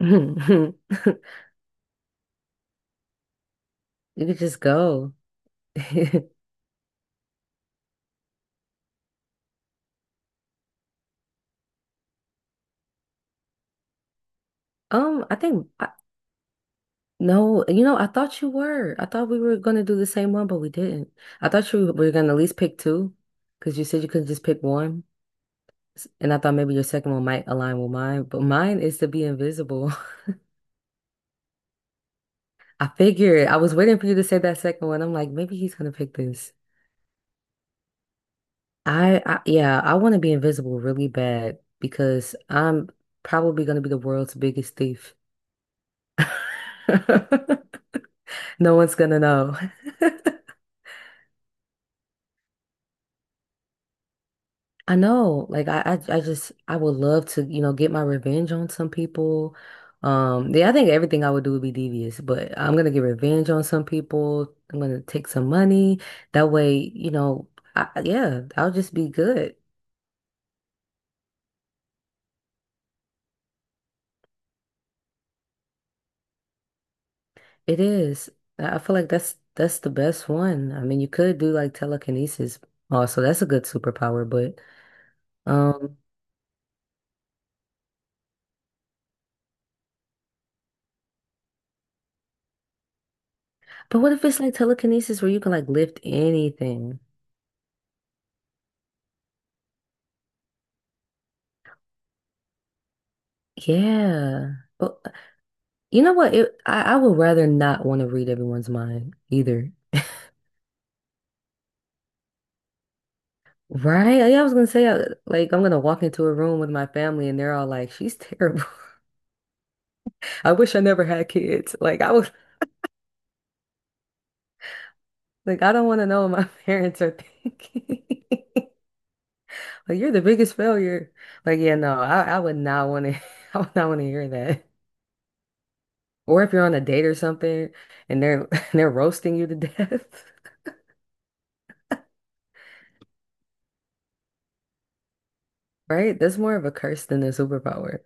You could just go. Um, I think I, no, you know, I thought you were. I thought we were gonna do the same one, but we didn't. I thought you were gonna at least pick two, because you said you couldn't just pick one. And I thought maybe your second one might align with mine. But mine is to be invisible. I figured I was waiting for you to say that second one. I'm like, maybe he's gonna pick this. I yeah, I want to be invisible really bad because I'm probably gonna be the world's biggest thief. No one's gonna know. I know, like I just I would love to, get my revenge on some people. Yeah, I think everything I would do would be devious, but I'm gonna get revenge on some people. I'm gonna take some money. That way, yeah, I'll just be good. It is. I feel like that's the best one. I mean, you could do like telekinesis also. That's a good superpower, but um, but what if it's like telekinesis where you can like lift anything? Yeah. You know what? I would rather not want to read everyone's mind either. Right? Yeah, I was gonna say, like, I'm gonna walk into a room with my family and they're all like, she's terrible. I wish I never had kids. Like, I was like, I don't want to know what my parents are thinking. Like, you're the biggest failure. Like, yeah, no, I would not want to, I would not want to hear that. Or if you're on a date or something and they're and they're roasting you to death, right? That's more of a curse than a superpower.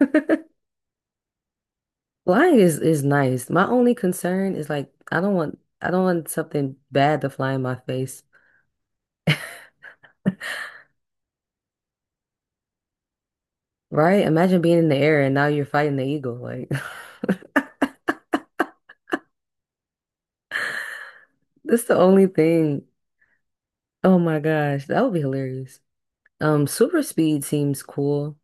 Flying is nice. My only concern is like I don't want something bad to fly in my face, right? Imagine being in the air and now you're fighting the eagle. Like that's the only thing. Oh my gosh, that would be hilarious. Super speed seems cool.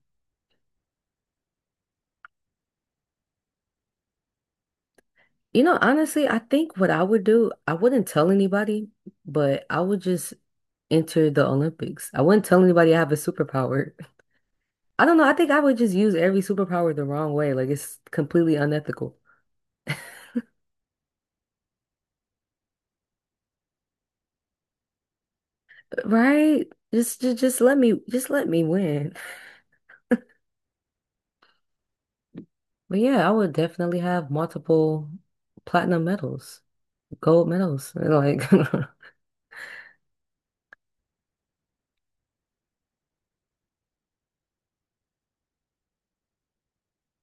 You know, honestly, I think what I would do, I wouldn't tell anybody, but I would just enter the Olympics. I wouldn't tell anybody I have a superpower. I don't know. I think I would just use every superpower the wrong way. Like it's completely unethical. Right? Just let me just let me win. But yeah, I would definitely have multiple platinum medals, gold medals. Like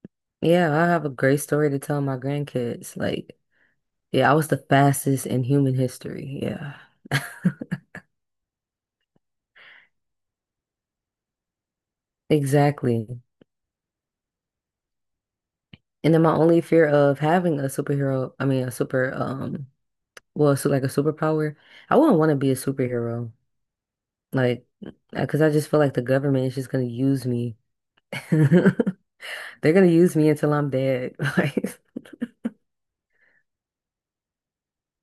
yeah, I have a great story to tell my grandkids. Like, yeah, I was the fastest in human history. Yeah. Exactly. And then my only fear of having a superhero, I mean a super well, so like a superpower, I wouldn't want to be a superhero. Like, because I just feel like the government is just gonna use me. They're gonna use me until I'm dead.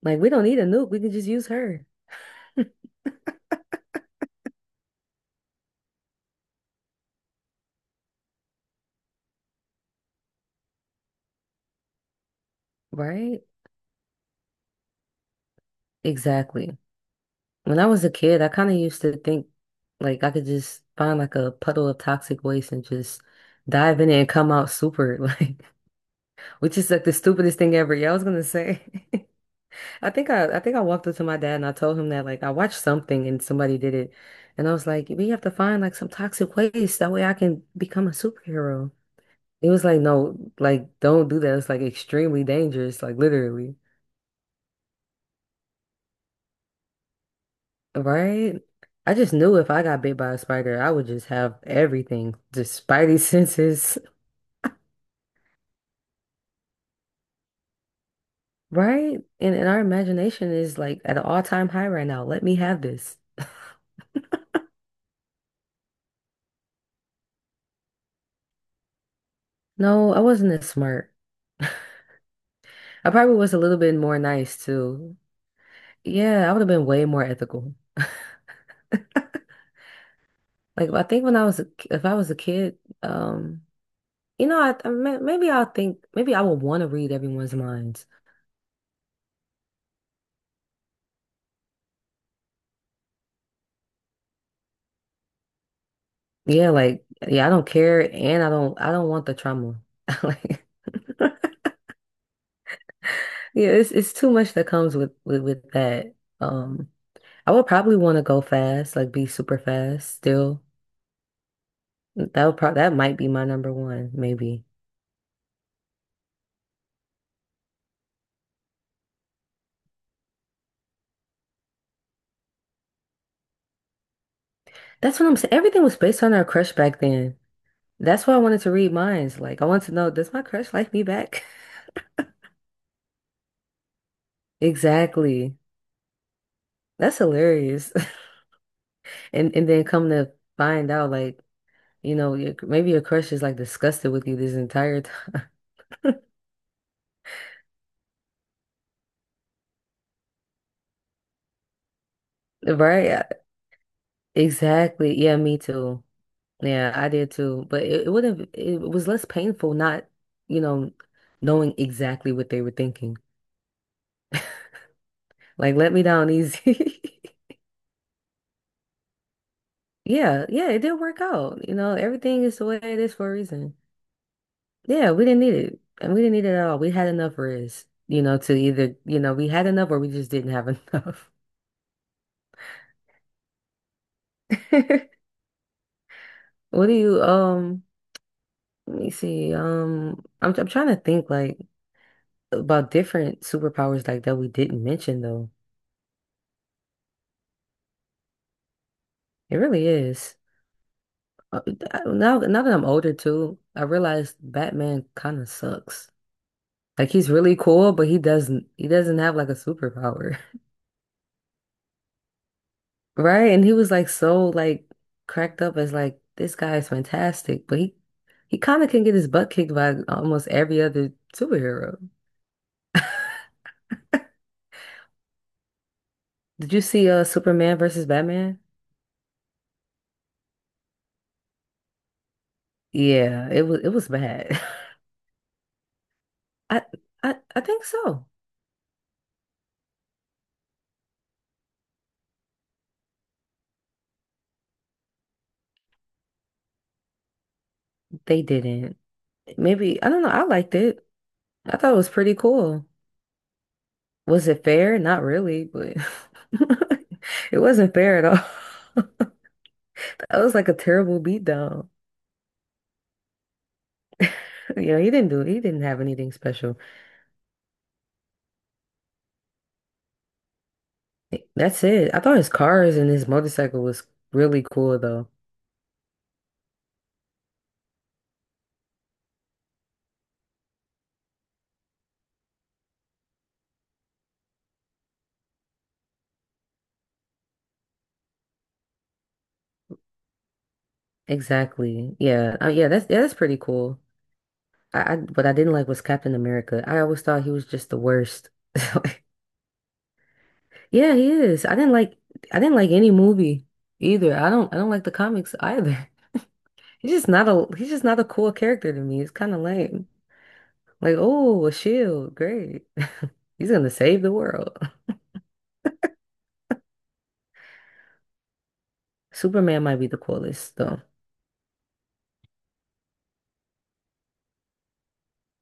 like we don't need a nuke. We can just use her, right? Exactly. When I was a kid, I kind of used to think like I could just find like a puddle of toxic waste and just dive in it and come out super, like, which is like the stupidest thing ever. Yeah, I was gonna say. I think I walked up to my dad and I told him that like I watched something and somebody did it, and I was like, we have to find like some toxic waste that way I can become a superhero. It was like, no, like, don't do that. It's like extremely dangerous, like literally, right? I just knew if I got bit by a spider, I would just have everything, just spidey senses, right? And our imagination is like at an all-time high right now. Let me have this. No, I wasn't as smart. I probably was a little bit more nice too. Yeah, I would have been way more ethical. Like I think when I was if I was a kid, um, you know, maybe I'll think maybe I would want to read everyone's minds. Yeah, like yeah, I don't care and I don't want the trauma. Like yeah, it's too much that comes with that. Um I would probably want to go fast, like be super fast still. That would probably that might be my number one, maybe. That's what I'm saying. Everything was based on our crush back then. That's why I wanted to read minds. Like I wanted to know, does my crush like me back? Exactly. That's hilarious. And then come to find out like, maybe your crush is like disgusted with you this entire time. Right? Exactly. Yeah, me too. Yeah, I did too. But it would have, it was less painful not, you know, knowing exactly what they were thinking. Like, let me down easy. Yeah, yeah, it did work out. You know, everything is the way it is for a reason. Yeah, we didn't need it. And we didn't need it at all. We had enough rest, you know, to either, you know, we had enough or we just didn't have enough. What do you, let me see. I'm trying to think like about different superpowers like that we didn't mention though. It really is. Uh, Now, now that I'm older too, I realize Batman kind of sucks. Like he's really cool, but he doesn't have like a superpower, right? And he was like so like cracked up as like this guy is fantastic, but he kind of can get his butt kicked by almost every other superhero. Did you see Superman versus Batman? Yeah, it was bad. I I think so. They didn't. Maybe I don't know. I liked it. I thought it was pretty cool. Was it fair? Not really, but it wasn't fair at all. That was like a terrible beatdown. You know, he didn't have anything special. That's it. I thought his cars and his motorcycle was really cool though. Exactly. Yeah. Yeah, that's pretty cool. I what I didn't like was Captain America. I always thought he was just the worst. Like, yeah, he is. I didn't like any movie either. I don't like the comics either. He's just not a he's just not a cool character to me. It's kind of lame. Like, oh, a shield. Great. He's gonna save the world. Superman might be the coolest, though.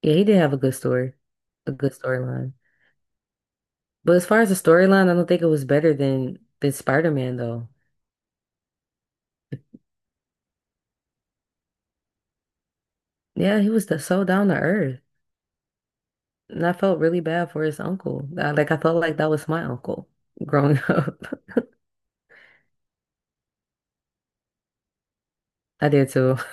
Yeah, he did have a good story, a good storyline. But as far as the storyline, I don't think it was better than Spider-Man, though. Yeah, he was the, so down to earth, and I felt really bad for his uncle. Like, I felt like that was my uncle growing up. I did too.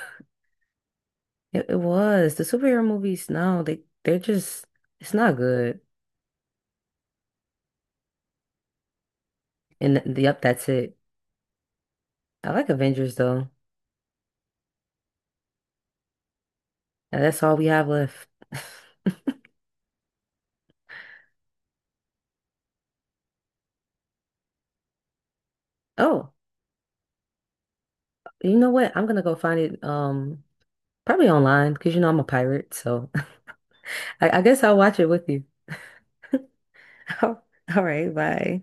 It was the superhero movies. No, they they're just it's not good. Yep, that's it. I like Avengers though, and that's all we have left. Oh. You know what? I'm gonna go find it probably online because you know I'm a pirate, so I guess I'll watch it with you. All right, bye.